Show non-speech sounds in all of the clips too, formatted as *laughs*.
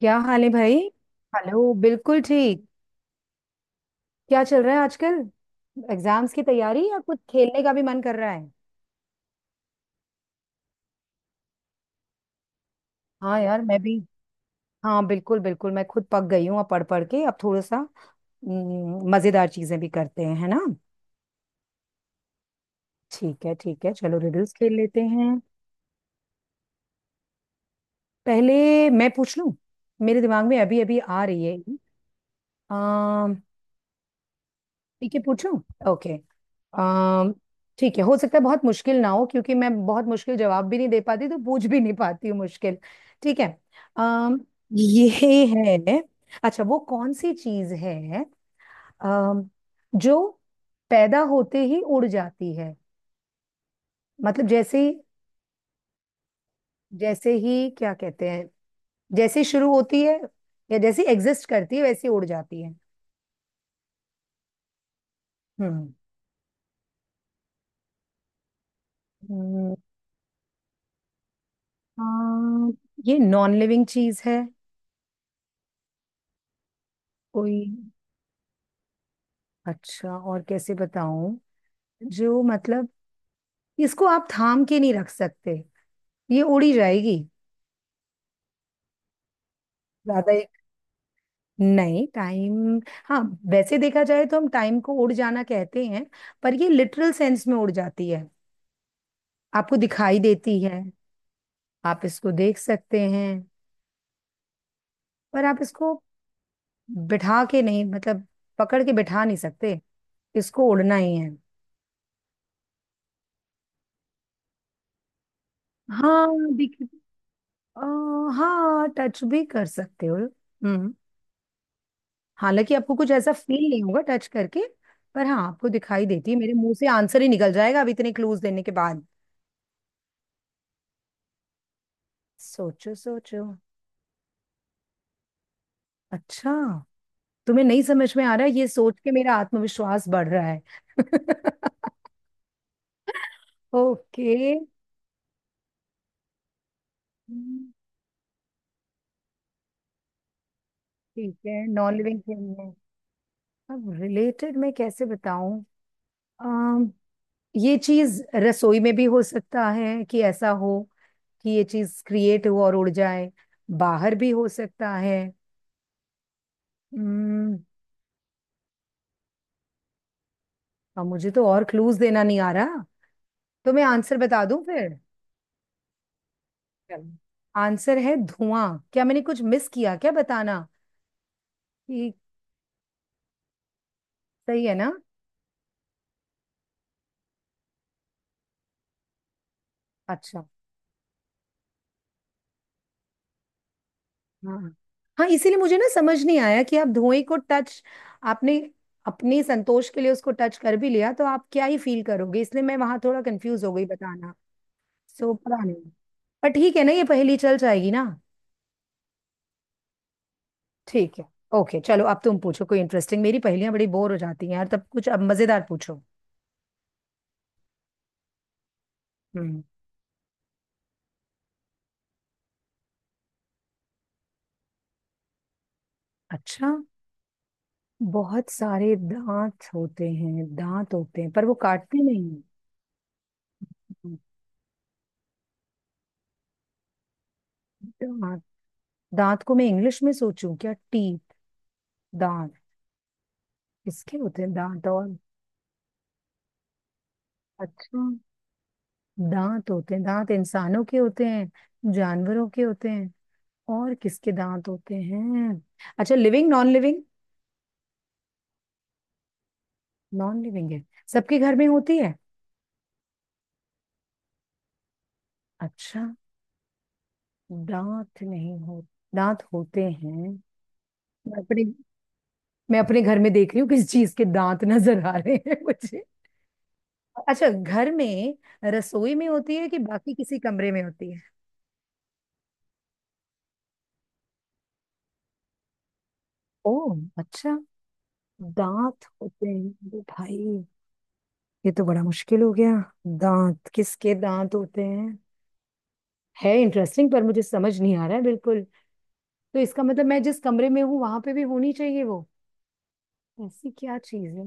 क्या हाल है भाई। हेलो, बिल्कुल ठीक। क्या चल रहा है आजकल? एग्जाम्स की तैयारी या कुछ खेलने का भी मन कर रहा है? हाँ यार, मैं भी। हाँ बिल्कुल बिल्कुल, मैं खुद पक गई हूँ अब पढ़ पढ़ के। अब थोड़ा सा मज़ेदार चीज़ें भी करते हैं, है ना। ठीक है, ठीक है, चलो रिडल्स खेल लेते हैं। पहले मैं पूछ लूँ, मेरे दिमाग में अभी अभी आ रही है। अम, ठीक है, पूछूं। ओके। अम, ठीक है, हो सकता है बहुत मुश्किल ना हो, क्योंकि मैं बहुत मुश्किल जवाब भी नहीं दे पाती तो पूछ भी नहीं पाती हूँ मुश्किल। ठीक है। अम ये है। अच्छा, वो कौन सी चीज है अम जो पैदा होते ही उड़ जाती है? मतलब जैसे ही, जैसे ही क्या कहते हैं, जैसे ही शुरू होती है या जैसे एग्जिस्ट करती है वैसे ही उड़ जाती है। हम्म हम्म, अम, ये नॉन लिविंग चीज है। कोई, अच्छा और कैसे बताऊं, जो मतलब इसको आप थाम के नहीं रख सकते, ये उड़ी जाएगी। ज्यादा ही नहीं, टाइम, हाँ, वैसे देखा जाए तो हम टाइम को उड़ जाना कहते हैं, पर ये लिटरल सेंस में उड़ जाती है। आपको दिखाई देती है, आप इसको देख सकते हैं, पर आप इसको बिठा के नहीं, मतलब पकड़ के बिठा नहीं सकते, इसको उड़ना ही है। हाँ, दिख, आ, हाँ, टच भी कर सकते हो। हम्म, हालांकि आपको कुछ ऐसा फील नहीं होगा टच करके, पर हाँ, आपको दिखाई देती है। मेरे मुंह से आंसर ही निकल जाएगा अब इतने क्लूज देने के बाद। सोचो सोचो। अच्छा, तुम्हें नहीं समझ में आ रहा है, ये सोच के मेरा आत्मविश्वास बढ़ रहा है। *laughs* ओके, ठीक है, नॉन लिविंग थिंग है। अब रिलेटेड मैं कैसे बताऊं, अम, ये चीज रसोई में भी हो सकता है कि ऐसा हो कि ये चीज क्रिएट हो और उड़ जाए, बाहर भी हो सकता है। अब मुझे तो और क्लूज देना नहीं आ रहा, तो मैं आंसर बता दूं फिर। चलो, आंसर है धुआं। क्या मैंने कुछ मिस किया, क्या बताना कि सही है ना? अच्छा, हाँ हाँ, इसीलिए मुझे ना समझ नहीं आया कि आप धुएं को टच, आपने अपने संतोष के लिए उसको टच कर भी लिया तो आप क्या ही फील करोगे, इसलिए मैं वहां थोड़ा कंफ्यूज हो गई बताना। सो पता नहीं, पर ठीक है ना, ये पहेली चल जाएगी ना। ठीक है। ओके चलो, अब तुम पूछो कोई इंटरेस्टिंग, मेरी पहेलियां बड़ी बोर हो जाती हैं यार, तब कुछ अब मजेदार पूछो। हम्म। अच्छा, बहुत सारे दांत होते हैं, दांत होते हैं पर वो काटते नहीं हैं। दांत, दांत को मैं इंग्लिश में सोचूं क्या, टीथ। दांत किसके होते हैं दांत, और अच्छा, दांत होते हैं। दांत इंसानों के होते हैं, जानवरों के होते हैं, और किसके दांत होते हैं? अच्छा, living non living? Non living है। सबके घर में होती है। अच्छा, दांत नहीं हो, दांत होते हैं। मैं अपने मैं अपने घर में देख रही हूँ किस चीज के दांत नजर आ रहे हैं मुझे। अच्छा, घर में रसोई में होती है कि बाकी किसी कमरे में होती है? ओह, अच्छा, दांत होते हैं। अरे भाई, ये तो बड़ा मुश्किल हो गया। दांत, किसके दांत होते हैं? है इंटरेस्टिंग, पर मुझे समझ नहीं आ रहा है बिल्कुल। तो इसका मतलब मैं जिस कमरे में हूँ वहां पे भी होनी चाहिए वो, ऐसी क्या चीज है?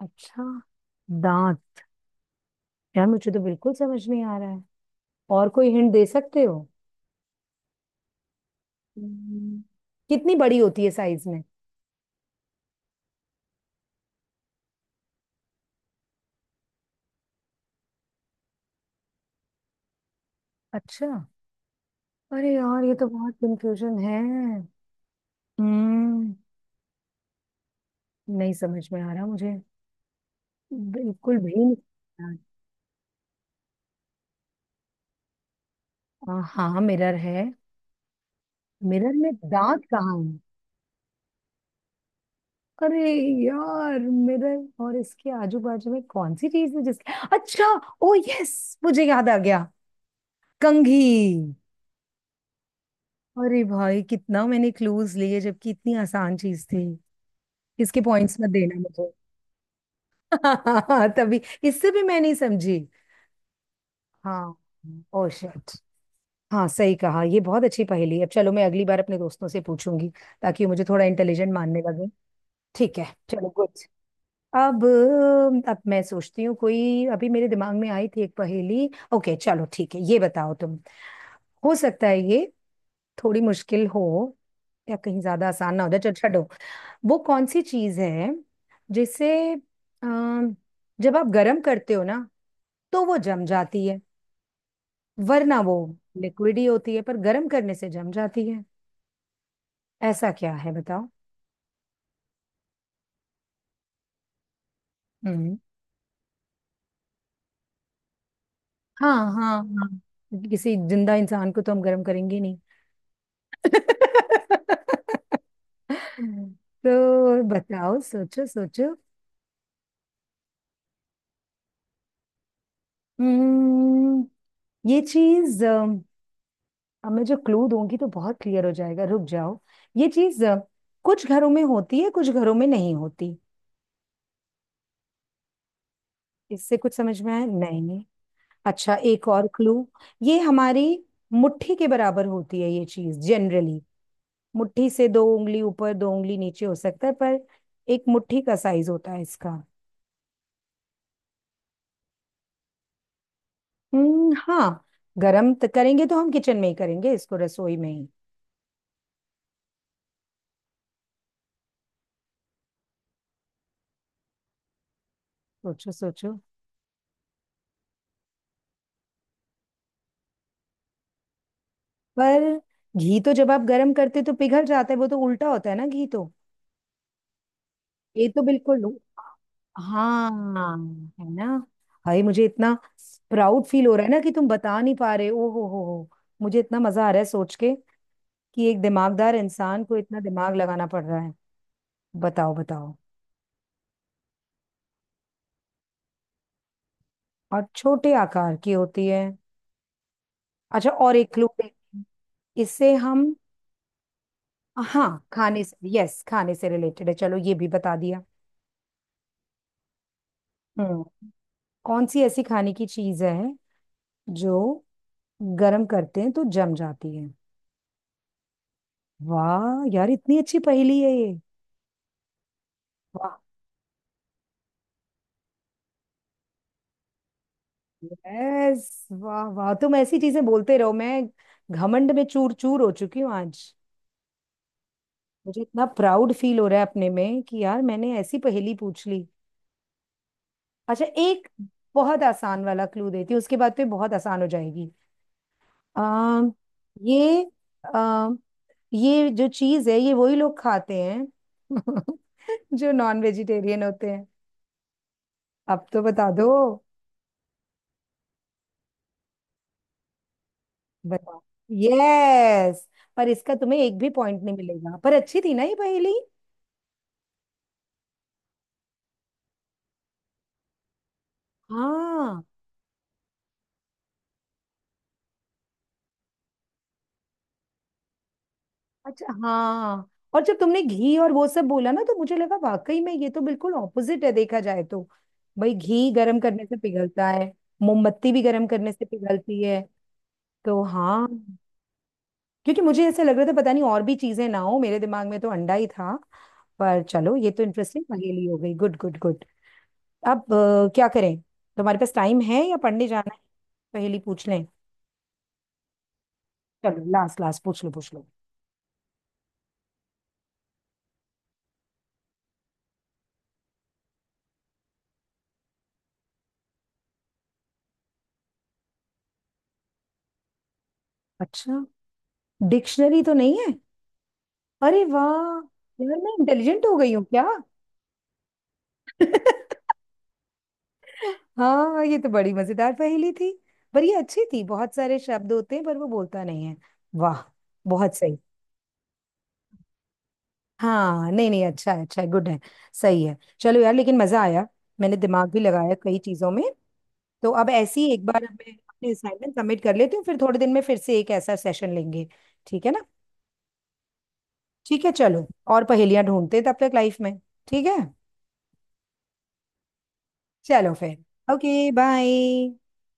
अच्छा, दांत। यार, मुझे तो बिल्कुल समझ नहीं आ रहा है, और कोई हिंट दे सकते हो? हम्म, कितनी बड़ी होती है साइज में? अच्छा, अरे यार, ये तो बहुत कंफ्यूजन है। हम्म, नहीं समझ में आ रहा मुझे, बिल्कुल भी नहीं समझ में आ रहा। हाँ मिरर है, मिरर में दांत कहाँ है? अरे यार, मिरर और इसके आजू बाजू में कौन सी चीज है जिसके, अच्छा, ओ यस, मुझे याद आ गया, कंघी। अरे भाई, कितना मैंने क्लूज लिए जबकि इतनी आसान चीज थी, इसके पॉइंट्स मत देना मुझे। *laughs* तभी, इससे भी मैं नहीं समझी। हाँ। ओ शिट, हाँ सही कहा, ये बहुत अच्छी पहेली है। अब चलो, मैं अगली बार अपने दोस्तों से पूछूंगी, ताकि वो मुझे थोड़ा इंटेलिजेंट मानने लगे। ठीक है, चलो गुड। अब अब मैं सोचती हूँ, कोई अभी मेरे दिमाग में आई थी एक पहेली। ओके चलो ठीक है, ये बताओ तुम। हो सकता है ये थोड़ी मुश्किल हो, या कहीं ज्यादा आसान ना हो जाए, चलो छोड़ो। वो कौन सी चीज है जिसे अम, जब आप गर्म करते हो ना तो वो जम जाती है, वरना वो लिक्विड ही होती है, पर गर्म करने से जम जाती है? ऐसा क्या है बताओ। हम्म, हाँ हाँ हाँ, किसी जिंदा इंसान को तो हम गर्म करेंगे नहीं। *laughs* तो बताओ, सोचो सोचो। हम्म। ये चीज अब मैं जो क्लू दूंगी तो बहुत क्लियर हो जाएगा, रुक जाओ। ये चीज कुछ घरों में होती है, कुछ घरों में नहीं होती। इससे कुछ समझ में आया नहीं? अच्छा, एक और क्लू। ये हमारी मुट्ठी के बराबर होती है ये चीज जनरली, मुट्ठी से दो उंगली ऊपर दो उंगली नीचे हो सकता है, पर एक मुट्ठी का साइज होता है इसका। हाँ, गरम तो करेंगे तो हम किचन में ही करेंगे इसको, रसोई में ही। सोचो सोचो। पर घी तो जब आप गरम करते तो पिघल जाता है, वो तो उल्टा होता है ना, घी तो, ये तो बिल्कुल नो-, हाँ, है ना। भाई, मुझे इतना प्राउड फील हो रहा है ना कि तुम बता नहीं पा रहे, ओ हो हो। मुझे इतना मजा आ रहा है सोच के कि एक दिमागदार इंसान को इतना दिमाग लगाना पड़ रहा है। बताओ बताओ। और छोटे आकार की होती है। अच्छा, और एक क्लू देती हूँ। इससे हम, हाँ खाने से, यस खाने से रिलेटेड है, चलो ये भी बता दिया। हम्म, कौन सी ऐसी खाने की चीज है जो गर्म करते हैं तो जम जाती है? वाह यार, इतनी अच्छी पहेली है ये। वाह, यस वाह वाह, तुम ऐसी चीजें बोलते रहो, मैं घमंड में चूर चूर हो चुकी हूँ आज। मुझे इतना प्राउड फील हो रहा है अपने में कि यार मैंने ऐसी पहेली पूछ ली। अच्छा, एक बहुत आसान वाला क्लू देती हूँ, उसके बाद तो ये बहुत आसान हो जाएगी। आ, ये, आ, ये जो चीज है ये वही लोग खाते हैं *laughs* जो नॉन वेजिटेरियन होते हैं। अब तो बता दो। बताओ, यस। पर इसका तुम्हें एक भी पॉइंट नहीं मिलेगा, पर अच्छी थी ना ये पहेली। हाँ अच्छा, हाँ, और जब तुमने घी और वो सब बोला ना तो मुझे लगा वाकई में ये तो बिल्कुल ऑपोजिट है देखा जाए तो। भाई, घी गर्म करने से पिघलता है, मोमबत्ती भी गर्म करने से पिघलती है, तो हाँ। क्योंकि मुझे ऐसा लग रहा था, पता नहीं और भी चीजें ना हो मेरे दिमाग में, तो अंडा ही था। पर चलो, ये तो इंटरेस्टिंग पहेली हो गई, गुड गुड गुड। अब क्या करें, तुम्हारे पास टाइम है या पढ़ने जाना है? पहेली पूछ लें? चलो लास्ट, लास्ट पूछ लो पूछ लो। अच्छा, डिक्शनरी तो नहीं है? अरे वाह, यार मैं इंटेलिजेंट हो गई हूँ क्या। *laughs* हाँ, ये तो बड़ी मजेदार पहेली थी। पर ये अच्छी थी, बहुत सारे शब्द होते हैं पर वो बोलता नहीं है। वाह, बहुत सही। हाँ नहीं नहीं, अच्छा है अच्छा है, गुड है। सही है। चलो यार, लेकिन मजा आया, मैंने दिमाग भी लगाया कई चीजों में। तो अब ऐसी, एक बार मैं अपने असाइनमेंट सबमिट कर लेती हूँ, फिर थोड़े दिन में फिर से एक ऐसा सेशन लेंगे। ठीक है ना? ठीक है चलो, और पहेलियां ढूंढते हैं तब तक लाइफ में। ठीक है। चलो फिर, ओके बाय।